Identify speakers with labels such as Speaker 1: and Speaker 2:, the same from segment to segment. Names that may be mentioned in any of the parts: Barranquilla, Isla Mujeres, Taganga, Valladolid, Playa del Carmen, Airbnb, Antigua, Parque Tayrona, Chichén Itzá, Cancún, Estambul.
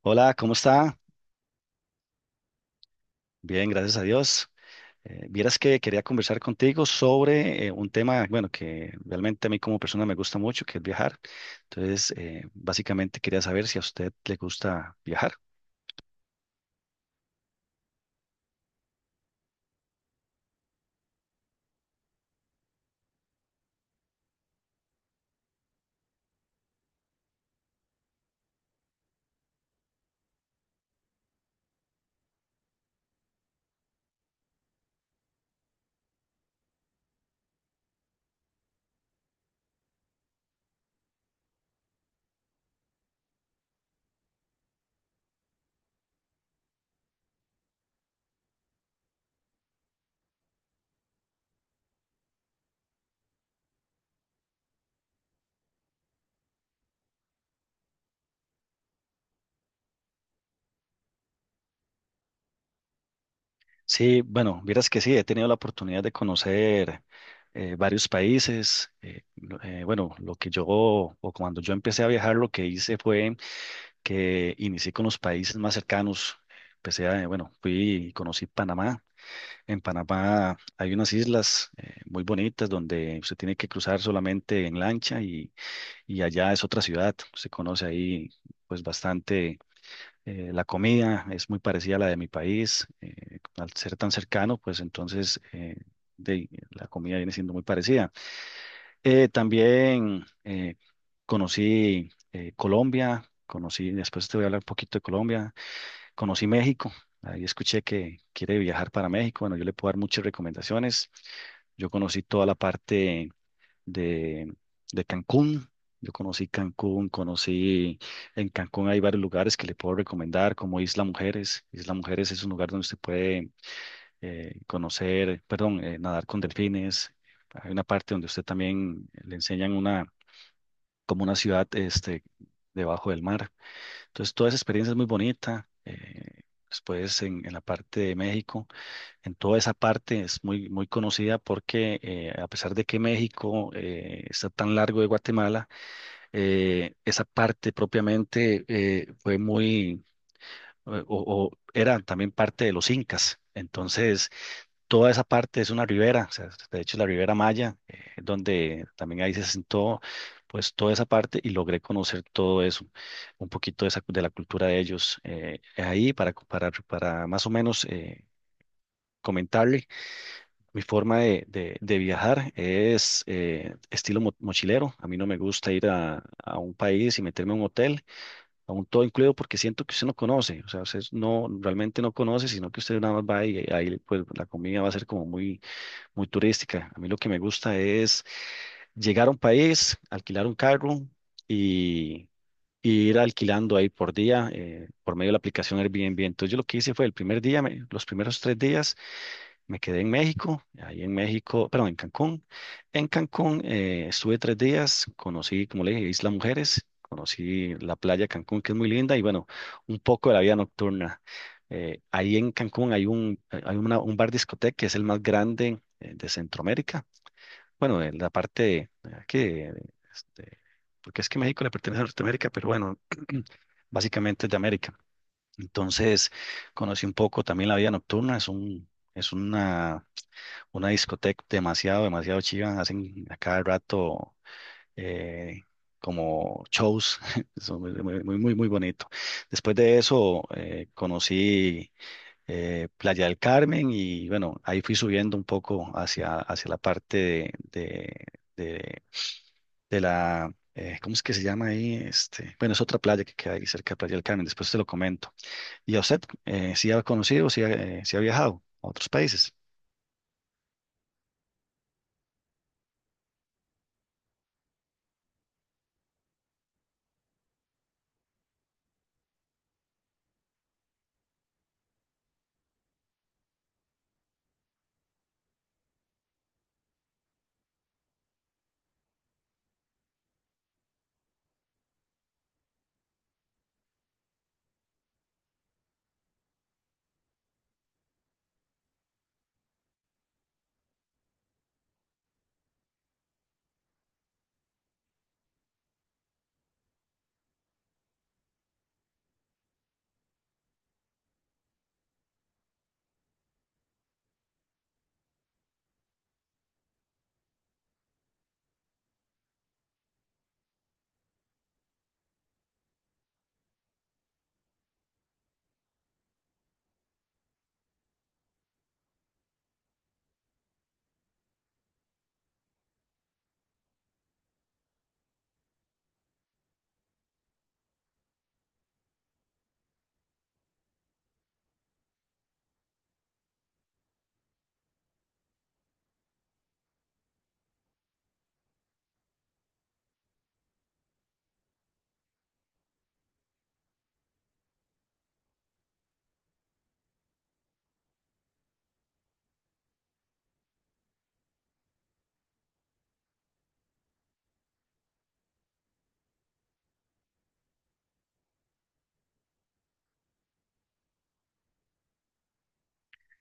Speaker 1: Hola, ¿cómo está? Bien, gracias a Dios. Vieras que quería conversar contigo sobre un tema, bueno, que realmente a mí como persona me gusta mucho, que es viajar. Entonces, básicamente quería saber si a usted le gusta viajar. Sí, bueno, vieras que sí, he tenido la oportunidad de conocer varios países. Bueno, lo que yo, o cuando yo empecé a viajar, lo que hice fue que inicié con los países más cercanos. Empecé a, bueno, fui y conocí Panamá. En Panamá hay unas islas muy bonitas donde usted tiene que cruzar solamente en lancha y allá es otra ciudad. Se conoce ahí pues bastante la comida, es muy parecida a la de mi país. Al ser tan cercano, pues entonces la comida viene siendo muy parecida. También conocí Colombia, conocí, después te voy a hablar un poquito de Colombia. Conocí México, ahí escuché que quiere viajar para México. Bueno, yo le puedo dar muchas recomendaciones. Yo conocí toda la parte de, de Cancún. Yo conocí Cancún, conocí en Cancún hay varios lugares que le puedo recomendar, como Isla Mujeres. Isla Mujeres es un lugar donde usted puede conocer, perdón, nadar con delfines. Hay una parte donde usted también le enseñan una, como una ciudad este, debajo del mar. Entonces, toda esa experiencia es muy bonita. En la parte de México, en toda esa parte es muy conocida porque a pesar de que México está tan largo de Guatemala, esa parte propiamente fue muy, o era también parte de los incas. Entonces, toda esa parte es una ribera, o sea, de hecho la Ribera Maya, donde también ahí se sentó pues toda esa parte y logré conocer todo eso, un poquito de, esa, de la cultura de ellos. Para más o menos comentarle, mi forma de, de viajar es estilo mochilero, a mí no me gusta ir a un país y meterme a un hotel, a un todo incluido porque siento que usted no conoce, o sea, usted no, realmente no conoce, sino que usted nada más va y ahí pues la comida va a ser como muy turística. A mí lo que me gusta es llegar a un país, alquilar un carro y, y ir alquilando ahí por día por medio de la aplicación Airbnb. Entonces yo lo que hice fue el primer día, los primeros tres días me quedé en México, ahí en México, perdón, en Cancún. En Cancún estuve tres días, conocí, como le dije, Isla Mujeres. Conocí la playa de Cancún, que es muy linda, y bueno, un poco de la vida nocturna. Ahí en Cancún hay un, hay un bar discoteca que es el más grande de Centroamérica. Bueno, en la parte ah, que, este, porque es que México le pertenece a Norteamérica, pero bueno, básicamente es de América. Entonces, conocí un poco también la vida nocturna, es un, es una discoteca demasiado chiva, hacen a cada rato eh, como shows, eso muy bonito. Después de eso, conocí Playa del Carmen y bueno, ahí fui subiendo un poco hacia la parte de de la, ¿cómo es que se llama ahí? Este, bueno, es otra playa que queda ahí cerca de Playa del Carmen, después te lo comento. ¿Y a usted, si ha conocido, si ha, sí ha viajado a otros países?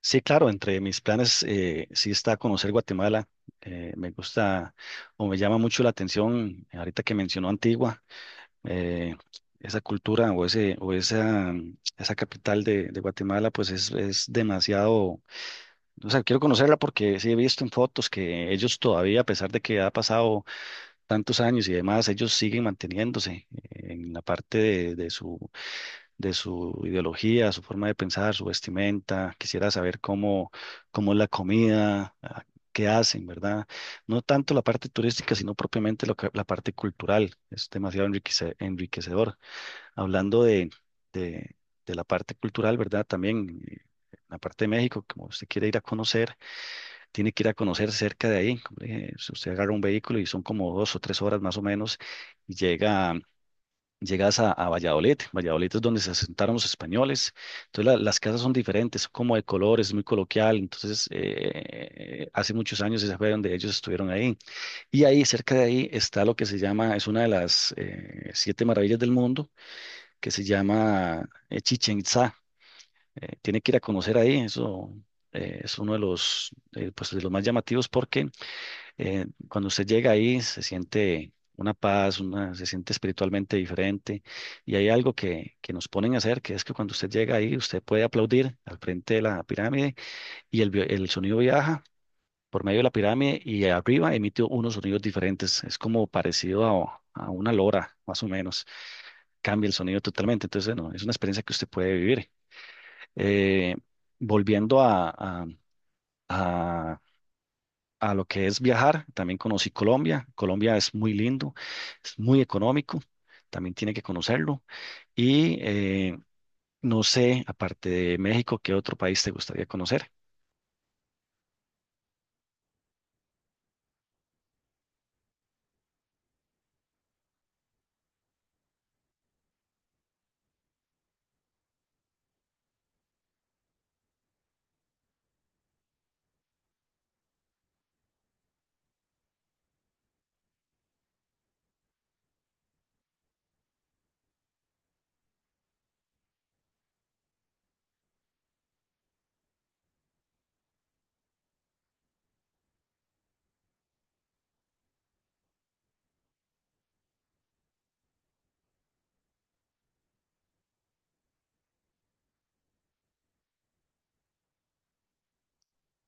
Speaker 1: Sí, claro, entre mis planes sí está conocer Guatemala. Me gusta o me llama mucho la atención, ahorita que mencionó Antigua, eh, esa cultura o, ese, o esa, mm, esa capital de Guatemala, pues es demasiado, o sea, quiero conocerla porque sí he visto en fotos que ellos todavía, a pesar de que ha pasado tantos años y demás, ellos siguen manteniéndose en la parte de su ideología, su forma de pensar, su vestimenta. Quisiera saber cómo, cómo es la comida, ah, qué hacen, ¿verdad? No tanto la parte turística, sino propiamente lo la parte cultural. Es demasiado enriquecedor. Hablando de, de la parte cultural, ¿verdad? También la parte de México, como usted quiere ir a conocer tiene que ir a conocer cerca de ahí. Como le dije, si usted agarra un vehículo y son como dos o tres horas más o menos, y llega, llegas a Valladolid. Valladolid es donde se asentaron los españoles. Entonces las casas son diferentes, son como de colores, muy coloquial. Entonces hace muchos años esa fue donde ellos estuvieron ahí. Y ahí, cerca de ahí, está lo que se llama, es una de las siete maravillas del mundo, que se llama Chichén Itzá. Tiene que ir a conocer ahí, eso es uno de los, pues, de los más llamativos porque cuando usted llega ahí se siente una paz, una, se siente espiritualmente diferente y hay algo que nos ponen a hacer, que es que cuando usted llega ahí usted puede aplaudir al frente de la pirámide y el, el sonido viaja por medio de la pirámide y arriba emite unos sonidos diferentes. Es como parecido a una lora, más o menos. Cambia el sonido totalmente. Entonces, no, es una experiencia que usted puede vivir. Eh, volviendo a, a, a lo que es viajar. También conocí Colombia. Colombia es muy lindo, es muy económico. También tiene que conocerlo. Y no sé, aparte de México, ¿qué otro país te gustaría conocer?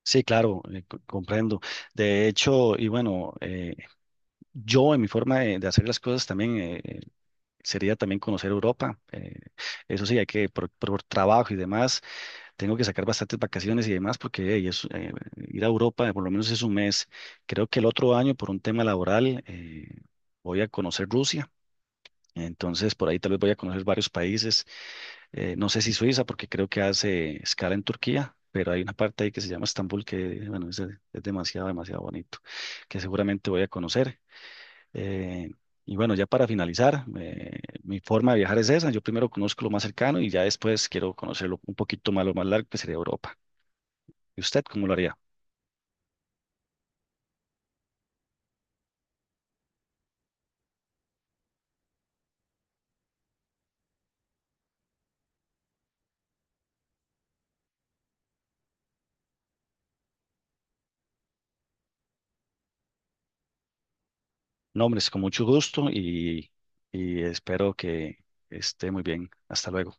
Speaker 1: Sí, claro, comprendo. De hecho, y bueno, yo en mi forma de hacer las cosas también sería también conocer Europa. Eso sí, hay que por trabajo y demás tengo que sacar bastantes vacaciones y demás porque hey, es, ir a Europa por lo menos es un mes. Creo que el otro año por un tema laboral voy a conocer Rusia. Entonces por ahí tal vez voy a conocer varios países. No sé si Suiza porque creo que hace escala en Turquía, pero hay una parte ahí que se llama Estambul que bueno, es demasiado bonito, que seguramente voy a conocer. Eh, y bueno, ya para finalizar, mi forma de viajar es esa. Yo primero conozco lo más cercano y ya después quiero conocer un poquito más lo más largo que sería Europa. ¿Y usted cómo lo haría? No, hombre, es con mucho gusto y espero que esté muy bien. Hasta luego.